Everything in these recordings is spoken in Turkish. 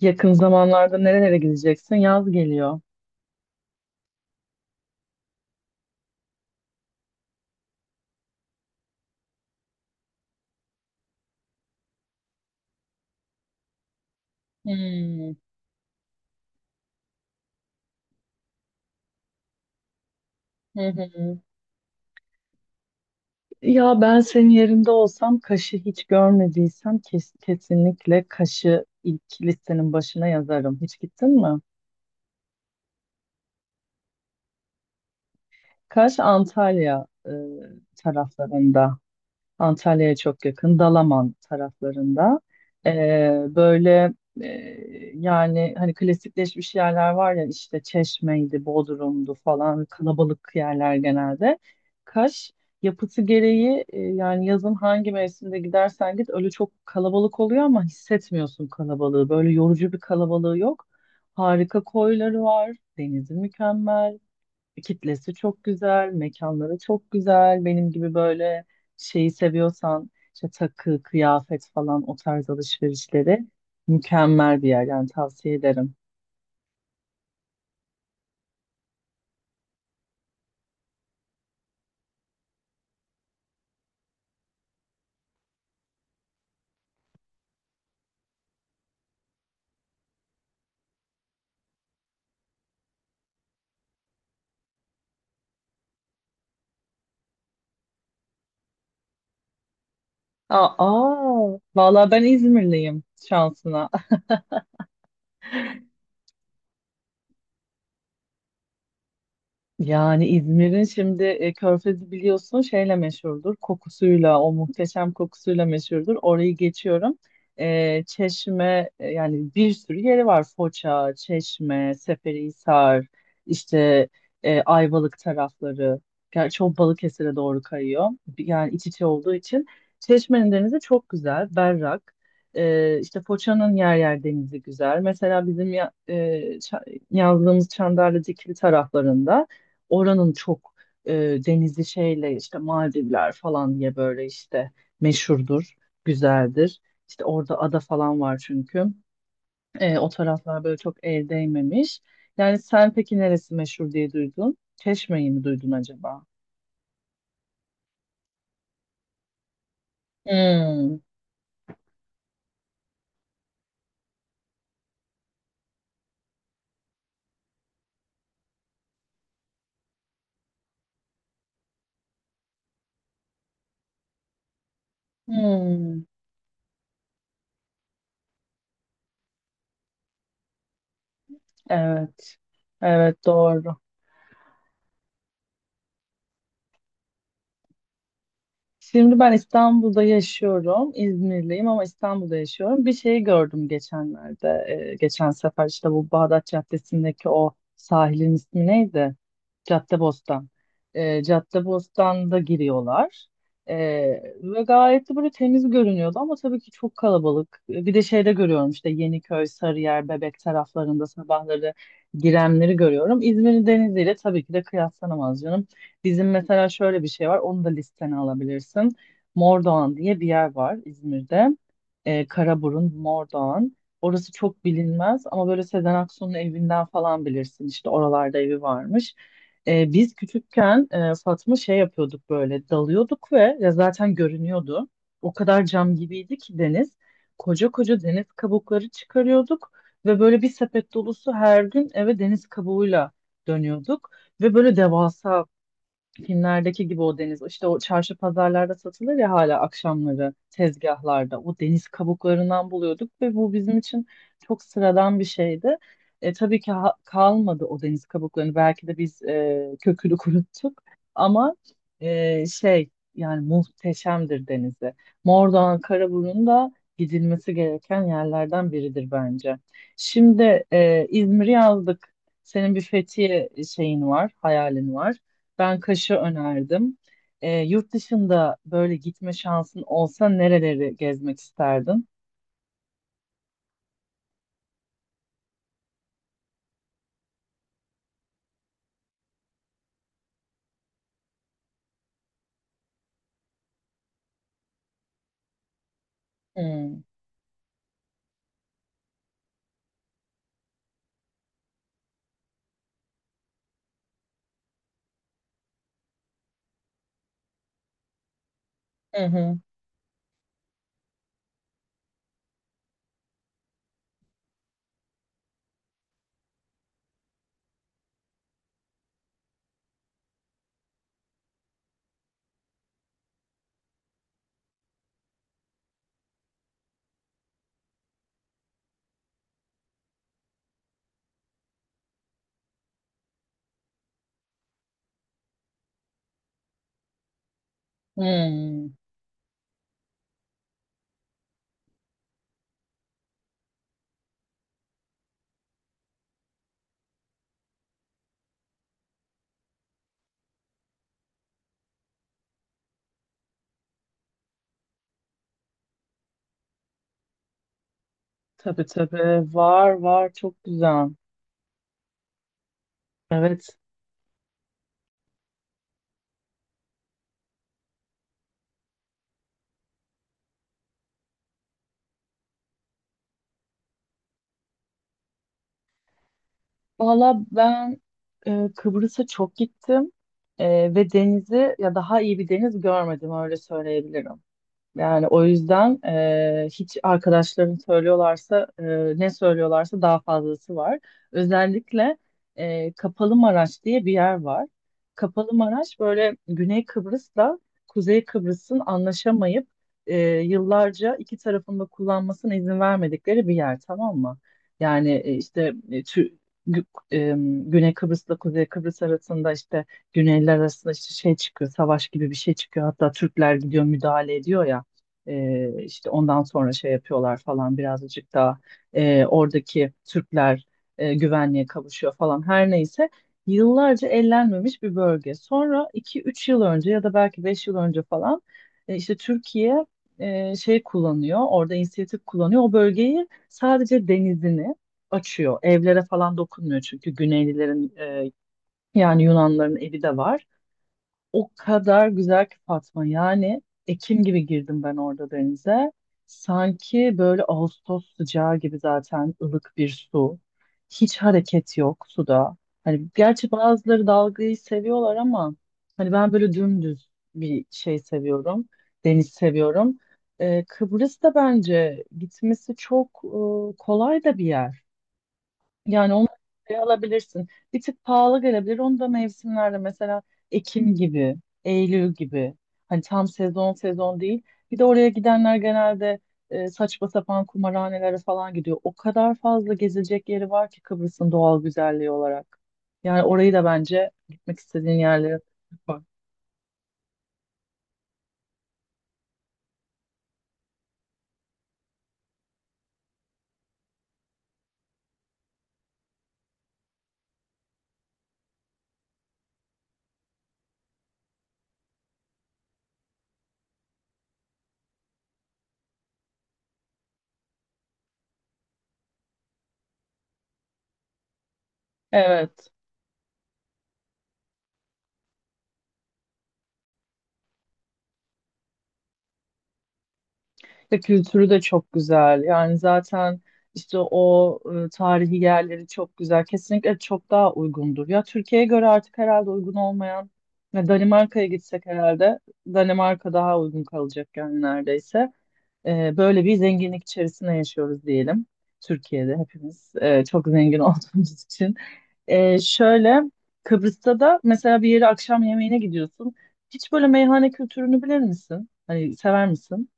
Yakın zamanlarda nerelere gideceksin? Yaz geliyor. Hmm. Hı hı. Ya ben senin yerinde olsam Kaş'ı hiç görmediysem kesinlikle Kaş'ı ilk listenin başına yazarım. Hiç gittin mi? Kaş Antalya taraflarında. Antalya'ya çok yakın, Dalaman taraflarında. Ee, böyle e, yani hani klasikleşmiş yerler var ya işte Çeşme'ydi, Bodrum'du falan kalabalık yerler genelde. Kaş yapısı gereği yani yazın hangi mevsimde gidersen git öyle çok kalabalık oluyor ama hissetmiyorsun kalabalığı. Böyle yorucu bir kalabalığı yok. Harika koyları var, denizi mükemmel. Kitlesi çok güzel, mekanları çok güzel. Benim gibi böyle şeyi seviyorsan işte takı, kıyafet falan o tarz alışverişleri mükemmel bir yer yani tavsiye ederim. Aa, aa vallahi ben İzmirliyim şansına. Yani İzmir'in şimdi Körfezi biliyorsun şeyle meşhurdur. Kokusuyla, o muhteşem kokusuyla meşhurdur. Orayı geçiyorum. E, Çeşme yani bir sürü yeri var. Foça, Çeşme, Seferihisar, işte Ayvalık tarafları. Gerçi o Balıkesir'e doğru kayıyor. Yani iç içe olduğu için. Çeşme'nin denizi çok güzel, berrak. E, işte Foça'nın yer yer denizi güzel. Mesela bizim ça- yazdığımız Çandarlı Dikili taraflarında oranın çok e, denizli şeyle işte Maldivler falan diye böyle işte meşhurdur, güzeldir. İşte orada ada falan var çünkü. E, o taraflar böyle çok el değmemiş. Yani sen peki neresi meşhur diye duydun? Çeşme'yi mi duydun acaba? Hmm, hmm. Evet, evet doğru. Şimdi ben İstanbul'da yaşıyorum. İzmirliyim ama İstanbul'da yaşıyorum. Bir şeyi gördüm geçenlerde. Geçen sefer işte bu Bağdat Caddesi'ndeki o sahilin ismi neydi? Caddebostan. E, Caddebostan'da giriyorlar. E, Ve gayet de böyle temiz görünüyordu ama tabii ki çok kalabalık. E, bir de şeyde görüyorum işte Yeniköy, Sarıyer, Bebek taraflarında sabahları girenleri görüyorum. İzmir'in deniziyle tabii ki de kıyaslanamaz canım. Bizim mesela şöyle bir şey var. Onu da listene alabilirsin. Mordoğan diye bir yer var İzmir'de. Karaburun, Mordoğan. Orası çok bilinmez ama böyle Sezen Aksu'nun evinden falan bilirsin. İşte oralarda evi varmış. Biz küçükken Fatma şey yapıyorduk böyle dalıyorduk ve ya zaten görünüyordu. O kadar cam gibiydi ki deniz. Koca koca deniz kabukları çıkarıyorduk ve böyle bir sepet dolusu her gün eve deniz kabuğuyla dönüyorduk. Ve böyle devasa filmlerdeki gibi o deniz. İşte o çarşı pazarlarda satılır ya hala akşamları tezgahlarda. O deniz kabuklarından buluyorduk ve bu bizim için çok sıradan bir şeydi. E, tabii ki kalmadı o deniz kabuklarını. Belki de biz kökünü kuruttuk. Ama şey yani muhteşemdir denizi. Mordoğan, Karaburun da gidilmesi gereken yerlerden biridir bence. Şimdi İzmir'i yazdık. Senin bir Fethiye şeyin var, hayalin var. Ben Kaş'ı önerdim. Yurt dışında böyle gitme şansın olsa nereleri gezmek isterdin? Hmm. Hı hı. Hmm. Tabii tabii. Var var. Çok güzel. Evet. Valla ben Kıbrıs'a çok gittim. E, Ve denizi ya daha iyi bir deniz görmedim öyle söyleyebilirim. Yani o yüzden hiç arkadaşların söylüyorlarsa ne söylüyorlarsa daha fazlası var. Özellikle Kapalı Maraş diye bir yer var. Kapalı Maraş böyle Güney Kıbrıs'la Kuzey Kıbrıs'ın anlaşamayıp yıllarca iki tarafında kullanmasına izin vermedikleri bir yer, tamam mı? Yani işte Gü- e, Güney Kıbrıs'la Kuzey Kıbrıs arasında işte Güneyler arasında işte şey çıkıyor, savaş gibi bir şey çıkıyor. Hatta Türkler gidiyor müdahale ediyor ya. E, işte ondan sonra şey yapıyorlar falan birazcık daha oradaki Türkler güvenliğe kavuşuyor falan her neyse. Yıllarca ellenmemiş bir bölge. Sonra iki üç yıl önce ya da belki 5 yıl önce falan işte Türkiye şey kullanıyor, orada inisiyatif kullanıyor. O bölgeyi sadece denizini açıyor. Evlere falan dokunmuyor çünkü Güneylilerin yani Yunanların evi de var. O kadar güzel ki Fatma. Yani Ekim gibi girdim ben orada denize. Sanki böyle Ağustos sıcağı gibi zaten ılık bir su. Hiç hareket yok suda. Hani gerçi bazıları dalgayı seviyorlar ama hani ben böyle dümdüz bir şey seviyorum. Deniz seviyorum. Kıbrıs da bence gitmesi çok kolay da bir yer. Yani onu şey alabilirsin. Bir tık pahalı gelebilir. Onu da mevsimlerde mesela Ekim gibi, Eylül gibi. Hani tam sezon sezon değil. Bir de oraya gidenler genelde saçma sapan kumarhanelere falan gidiyor. O kadar fazla gezilecek yeri var ki Kıbrıs'ın doğal güzelliği olarak. Yani orayı da bence gitmek istediğin yerlere. Evet. Ve kültürü de çok güzel. Yani zaten işte o tarihi yerleri çok güzel. Kesinlikle çok daha uygundur. Ya Türkiye'ye göre artık herhalde uygun olmayan ya Danimarka'ya gitsek herhalde Danimarka daha uygun kalacak yani neredeyse. E, böyle bir zenginlik içerisinde yaşıyoruz diyelim. Türkiye'de hepimiz çok zengin olduğumuz için. E, şöyle Kıbrıs'ta da mesela bir yere akşam yemeğine gidiyorsun. Hiç böyle meyhane kültürünü bilir misin? Hani sever misin?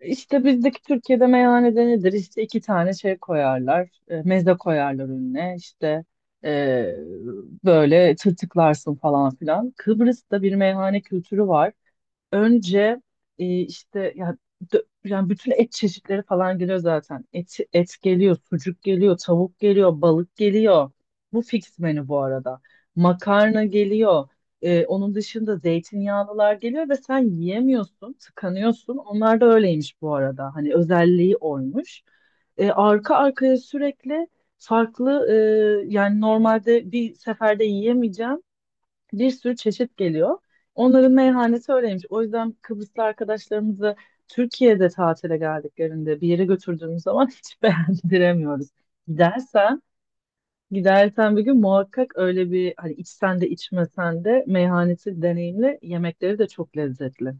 İşte bizdeki Türkiye'de meyhanede nedir? İşte iki tane şey koyarlar. Meze koyarlar önüne. İşte e, böyle tırtıklarsın falan filan. Kıbrıs'ta bir meyhane kültürü var. Önce işte ya yani bütün et çeşitleri falan geliyor zaten. Et geliyor, sucuk geliyor, tavuk geliyor, balık geliyor. Bu fix menü bu arada. Makarna geliyor. Onun dışında zeytinyağlılar geliyor ve sen yiyemiyorsun, tıkanıyorsun. Onlar da öyleymiş bu arada. Hani özelliği oymuş. Arka arkaya sürekli farklı yani normalde bir seferde yiyemeyeceğim bir sürü çeşit geliyor. Onların meyhanesi öyleymiş. O yüzden Kıbrıslı arkadaşlarımızı Türkiye'de tatile geldiklerinde bir yere götürdüğümüz zaman hiç beğendiremiyoruz. Gidersen Gidersen bir gün muhakkak öyle bir hani içsen de içmesen de meyhanesi deneyimle yemekleri de çok lezzetli.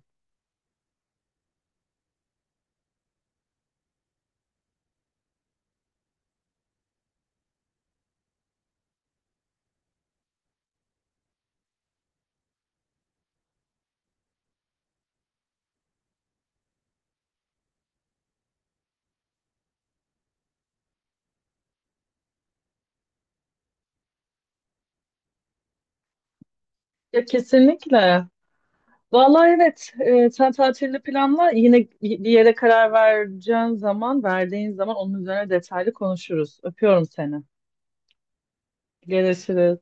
Ya kesinlikle. Vallahi evet sen tatilini planla yine bir yere karar vereceğin zaman verdiğin zaman onun üzerine detaylı konuşuruz. Öpüyorum seni. Görüşürüz.